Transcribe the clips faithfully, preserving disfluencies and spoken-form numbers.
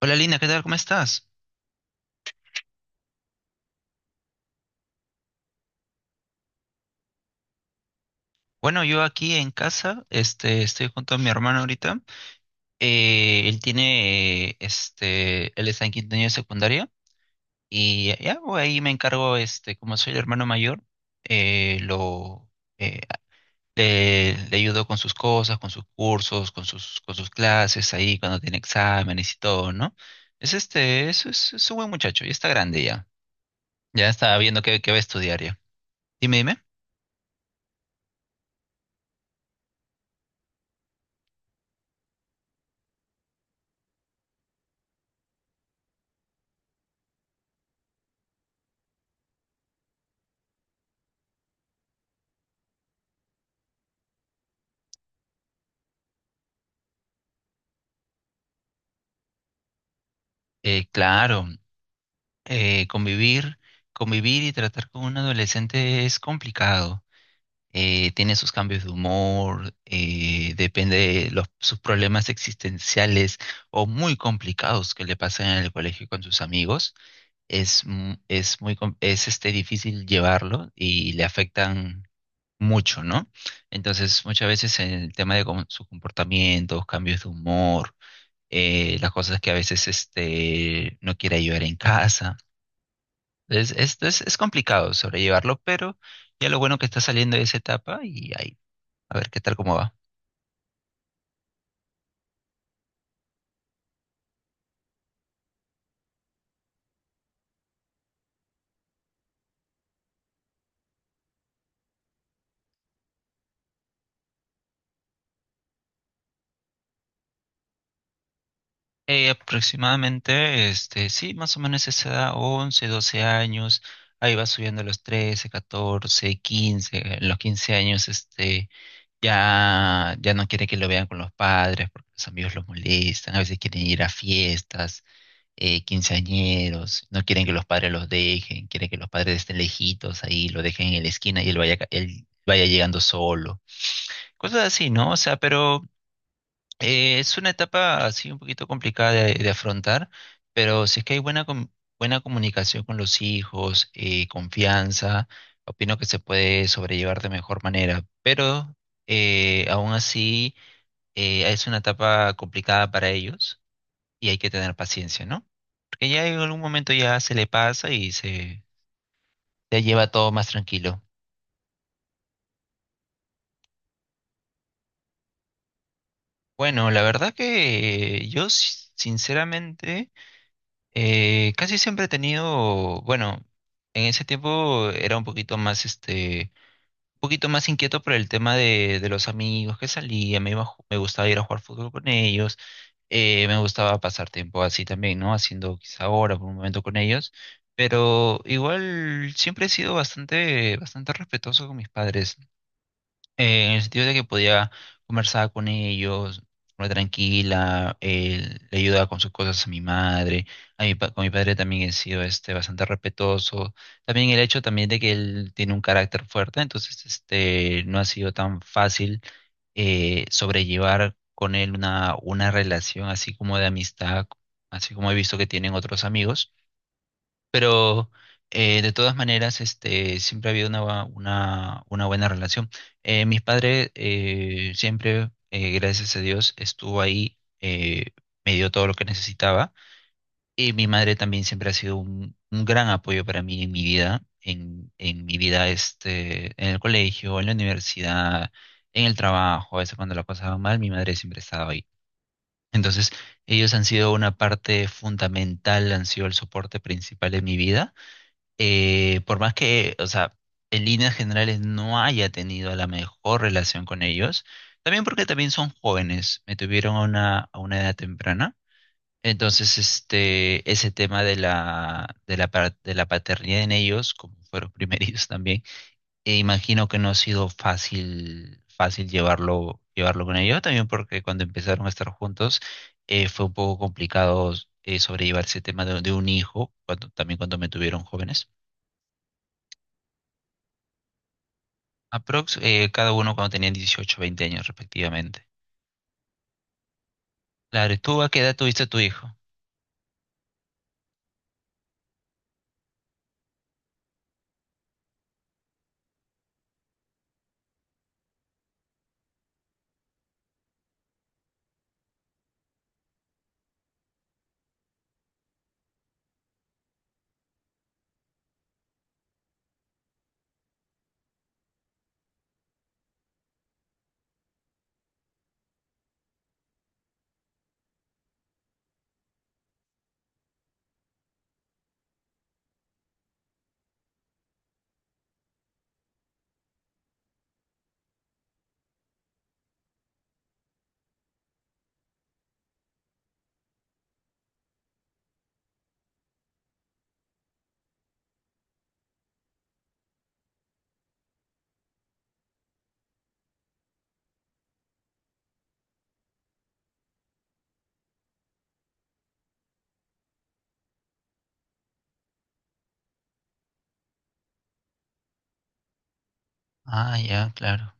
Hola Lina, ¿qué tal? ¿Cómo estás? Bueno, yo aquí en casa, este, estoy junto a mi hermano ahorita. Eh, él tiene, eh, este, él está en quinto año de secundaria y ya, voy ahí me encargo, este, como soy el hermano mayor, eh, lo, eh, le, le ayudo con sus cosas, con sus cursos, con sus, con sus clases ahí cuando tiene exámenes y todo, ¿no? Es este, es, es, es un buen muchacho, ya está grande ya, ya está viendo qué, qué va a estudiar ya. Dime, dime. Eh, claro. eh, convivir, convivir y tratar con un adolescente es complicado. Eh, tiene sus cambios de humor, eh, depende de los, sus problemas existenciales o muy complicados que le pasan en el colegio con sus amigos. Es, mu- es muy, com- es este, difícil llevarlo y le afectan mucho, ¿no? Entonces, muchas veces el tema de com- sus comportamientos, cambios de humor, eh, las cosas que a veces este, no quiere ayudar en casa es, es, es, es complicado sobrellevarlo, pero ya lo bueno que está saliendo de esa etapa y ahí, a ver qué tal cómo va. Eh, aproximadamente, este, sí, más o menos esa edad, once doce años, ahí va subiendo a los trece catorce quince en los quince años, este, ya, ya no quiere que lo vean con los padres porque los amigos los molestan, a veces quieren ir a fiestas, eh, quinceañeros, no quieren que los padres los dejen, quieren que los padres estén lejitos ahí, lo dejen en la esquina y él vaya, ca- él vaya llegando solo. Cosas así, ¿no? O sea, pero eh, es una etapa así un poquito complicada de, de afrontar, pero si es que hay buena, com- buena comunicación con los hijos, eh, confianza, opino que se puede sobrellevar de mejor manera, pero eh, aún así eh, es una etapa complicada para ellos y hay que tener paciencia, ¿no? Que ya en algún momento ya se le pasa y se ya lleva todo más tranquilo. Bueno, la verdad que yo si- sinceramente eh, casi siempre he tenido, bueno, en ese tiempo era un poquito más este, un poquito más inquieto por el tema de, de los amigos que salía, me iba a ju- me gustaba ir a jugar fútbol con ellos, eh, me gustaba pasar tiempo así también, ¿no? Haciendo quizá hora por un momento con ellos. Pero igual siempre he sido bastante, bastante respetuoso con mis padres. Eh, en el sentido de que podía conversar con ellos, muy tranquila, eh, le ayudaba con sus cosas a mi madre, a mi, pa- con mi padre también he sido este, bastante respetuoso, también el hecho también de que él tiene un carácter fuerte, entonces este, no ha sido tan fácil eh, sobrellevar con él una, una relación así como de amistad, así como he visto que tienen otros amigos. Pero eh, de todas maneras, este, siempre ha habido una, bua- una, una buena relación. Eh, mis padres eh, siempre, eh, gracias a Dios, estuvo ahí, eh, me dio todo lo que necesitaba. Y mi madre también siempre ha sido un, un gran apoyo para mí en mi vida, en, en mi vida este, en el colegio, en la universidad, en el trabajo. A veces cuando la pasaba mal, mi madre siempre estaba ahí. Entonces, ellos han sido una parte fundamental, han sido el soporte principal de mi vida eh, por más que, o sea, en líneas generales no haya tenido la mejor relación con ellos, también porque también son jóvenes, me tuvieron a una, a una edad temprana. Entonces, este, ese tema de la, de la, pa- de la paternidad en ellos, como fueron primerizos también, e imagino que no ha sido fácil, fácil llevarlo, llevarlo con ellos, también porque cuando empezaron a estar juntos, eh, fue un poco complicado, eh, sobrellevar ese tema de, de un hijo, cuando, también cuando me tuvieron jóvenes. Aprox, eh, cada uno cuando tenían dieciocho veinte años respectivamente. Claro, ¿y tú a qué edad tuviste a tu hijo? Ah, ya, claro.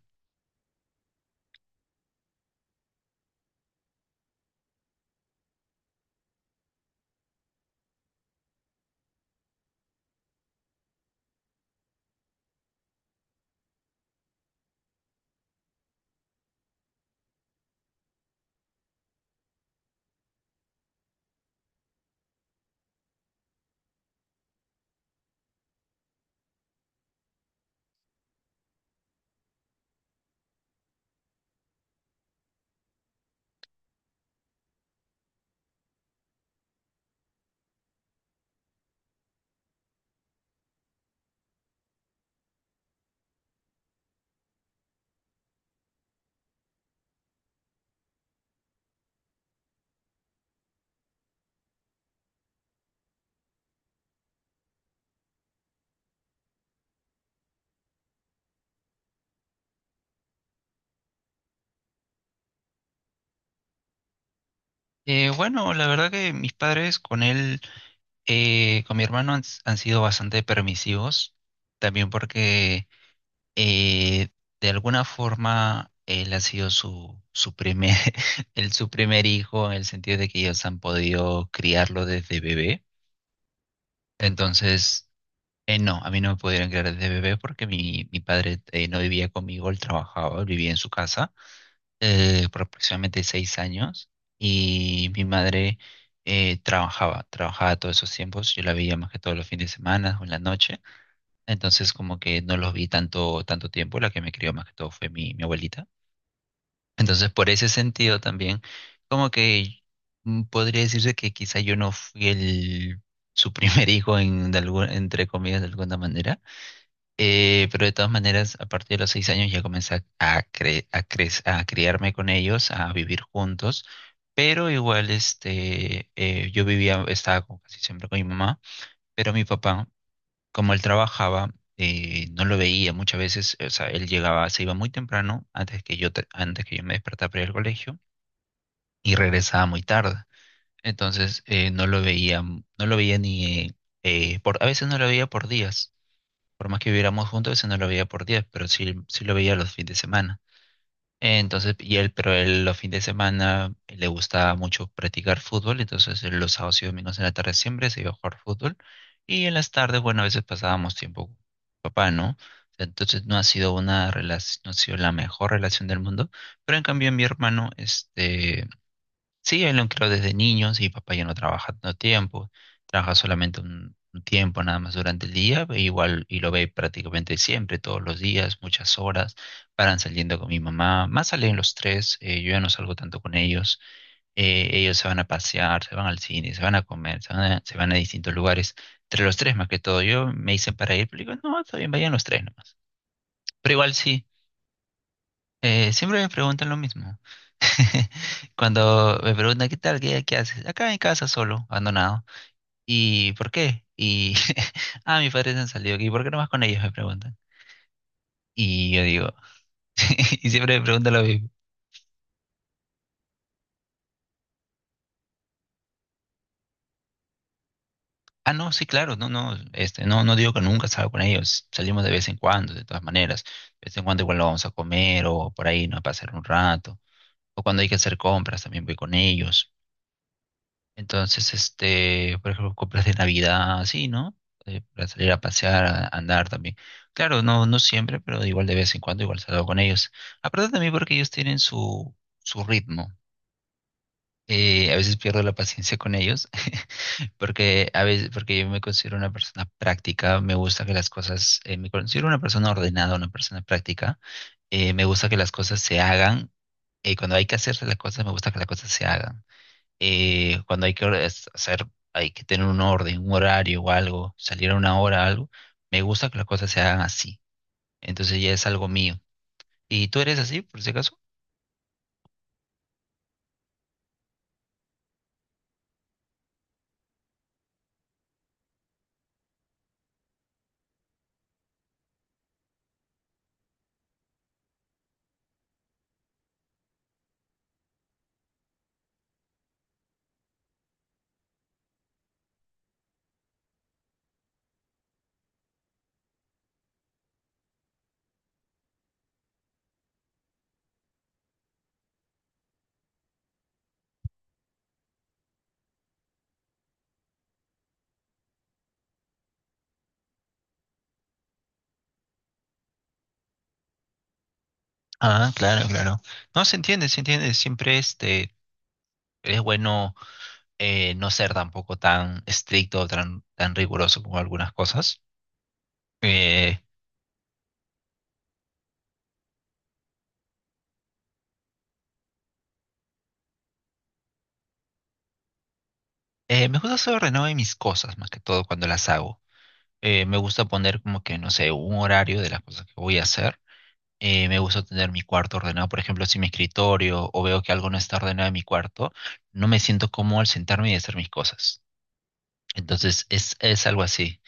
Eh, bueno, la verdad que mis padres con él, eh, con mi hermano han, han sido bastante permisivos, también porque eh, de alguna forma él ha sido su, su primer, el, su primer hijo, en el sentido de que ellos han podido criarlo desde bebé. Entonces, Eh, no, a mí no me pudieron criar desde bebé porque mi, mi padre eh, no vivía conmigo, él trabajaba, él vivía en su casa eh, por aproximadamente seis años y mi madre eh, trabajaba, trabajaba todos esos tiempos, yo la veía más que todos los fines de semana o en la noche, entonces como que no los vi tanto, tanto tiempo, la que me crió más que todo fue mi, mi abuelita. Entonces por ese sentido también, como que mm, podría decirse que quizá yo no fui el, su primer hijo en, de algún- entre comillas de alguna manera eh, pero de todas maneras, a partir de los seis años ya comencé a, a, cre- a, cre- a criarme con ellos, a vivir juntos, pero igual este, eh, yo vivía, estaba como casi siempre con mi mamá, pero mi papá, como él trabajaba, eh, no lo veía muchas veces, o sea, él llegaba, se iba muy temprano, antes que yo, te- antes que yo me despertara para ir al colegio, y regresaba muy tarde. Entonces, eh, no lo veía, no lo veía ni, eh, por, a veces no lo veía por días. Por más que viviéramos juntos, eso no lo veía por días, pero sí, sí lo veía los fines de semana. Entonces, y él, pero él los fines de semana eh, le gustaba mucho practicar fútbol, entonces él los sábados y domingos en la tarde siempre se iba a jugar fútbol. Y en las tardes, bueno, a veces pasábamos tiempo con papá, ¿no? O sea, entonces no ha sido una relación, no ha sido la mejor relación del mundo, pero en cambio mi hermano, este, sí, él lo creó desde niños y papá ya no trabaja tanto tiempo, trabaja solamente un, un tiempo nada más durante el día, e igual y lo ve prácticamente siempre, todos los días, muchas horas, paran saliendo con mi mamá, más salen los tres, eh, yo ya no salgo tanto con ellos, eh, ellos se van a pasear, se van al cine, se van a comer, se van a, se van a distintos lugares, entre los tres más que todo, yo me dicen para ir, pero digo, no, está bien, vayan los tres nomás, pero igual sí. Eh, siempre me preguntan lo mismo. Cuando me preguntan, ¿qué tal? ¿Qué, qué haces? Acá en casa solo, abandonado. ¿Y por qué? Y, ah, mis padres han salido. ¿Y? ¿Por qué no vas con ellos? Me preguntan. Y yo digo, y siempre me preguntan lo mismo. Ah, no, sí, claro, no, no, este, no, no digo que nunca salga con ellos, salimos de vez en cuando, de todas maneras, de vez en cuando igual lo vamos a comer o por ahí, ¿no? A pasar un rato, o cuando hay que hacer compras también voy con ellos. Entonces, este, por ejemplo, compras de Navidad, así, ¿no? Eh, para salir a pasear, a andar también. Claro, no, no siempre, pero igual de vez en cuando, igual salgo con ellos. Aparte también porque ellos tienen su, su ritmo. Eh, a veces pierdo la paciencia con ellos, porque a veces, porque yo me considero una persona práctica, me gusta que las cosas, eh, me considero una persona ordenada, una persona práctica. Eh, me gusta que las cosas se hagan. Eh, cuando hay que hacerse las cosas, me gusta que las cosas se hagan. Eh, cuando hay que or- es- hacer, hay que tener un orden, un horario o algo, salir a una hora, algo, me gusta que las cosas se hagan así. Entonces ya es algo mío. ¿Y tú eres así, por si acaso? Ah, claro, claro. No, se entiende, se entiende. Siempre este, es bueno eh, no ser tampoco tan estricto, tan, tan riguroso como algunas cosas. Eh, eh, Me gusta ser ordenado en mis cosas, más que todo cuando las hago. Eh, me gusta poner como que, no sé, un horario de las cosas que voy a hacer. Eh, me gusta tener mi cuarto ordenado, por ejemplo, si mi escritorio o veo que algo no está ordenado en mi cuarto, no me siento cómodo al sentarme y hacer mis cosas. Entonces, es, es algo así.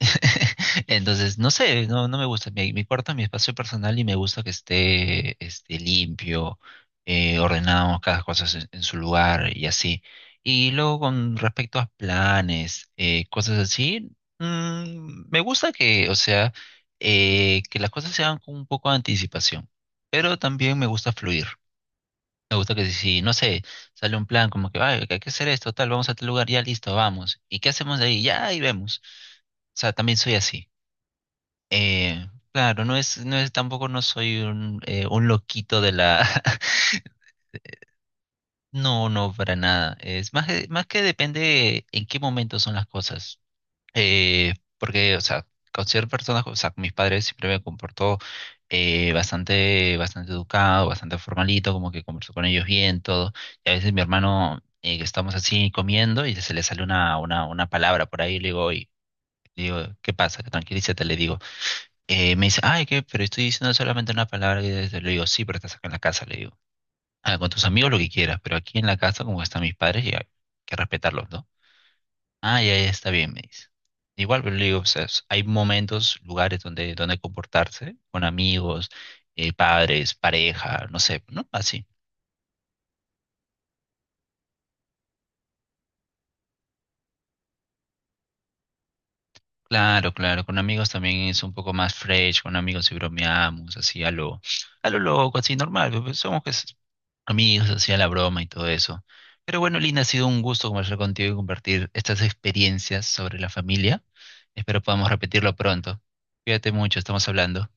Entonces, no sé, no, no me gusta. Mi, mi cuarto es mi espacio personal y me gusta que esté, este, limpio, eh, ordenado, cada cosa en, en su lugar y así. Y luego con respecto a planes, eh, cosas así, mm, me gusta que, o sea, eh, que las cosas se hagan con un poco de anticipación, pero también me gusta fluir. Me gusta que si, no sé, sale un plan como que: "Ay, hay que hacer esto, tal, vamos a tal lugar, ya listo, vamos. ¿Y qué hacemos de ahí? Ya ahí vemos". O sea, también soy así. Eh, claro, no es, no es, tampoco no soy un, eh, un loquito de la... No, no, para nada. Es más, que- más que depende en qué momento son las cosas. Eh, porque, o sea, con ciertas personas, o sea, con mis padres siempre me comportó eh, bastante, bastante educado, bastante formalito, como que converso con ellos bien, todo. Y a veces mi hermano, eh, que estamos así comiendo y se le sale una, una, una palabra por ahí, le digo: "Oy", le digo, ¿qué pasa? Tranquilízate, le digo. Eh, me dice: ay, ¿qué? Pero estoy diciendo solamente una palabra. Y desde- le digo, sí, pero estás acá en la casa, le digo. Ah, con tus amigos lo que quieras, pero aquí en la casa, como están mis padres, y hay que respetarlos, ¿no? Ah, ya, ya está bien, me dice. Igual, pero le digo, o sea, es- hay momentos, lugares donde, donde, comportarse con amigos, eh, padres, pareja, no sé, ¿no? Así. Claro, claro, con amigos también es un poco más fresh, con amigos y bromeamos, así a lo, a lo loco, así normal, pues, pues, somos pues, amigos, así a la broma y todo eso. Pero bueno, Lina, ha sido un gusto conversar contigo y compartir estas experiencias sobre la familia. Espero podamos repetirlo pronto. Cuídate mucho, estamos hablando.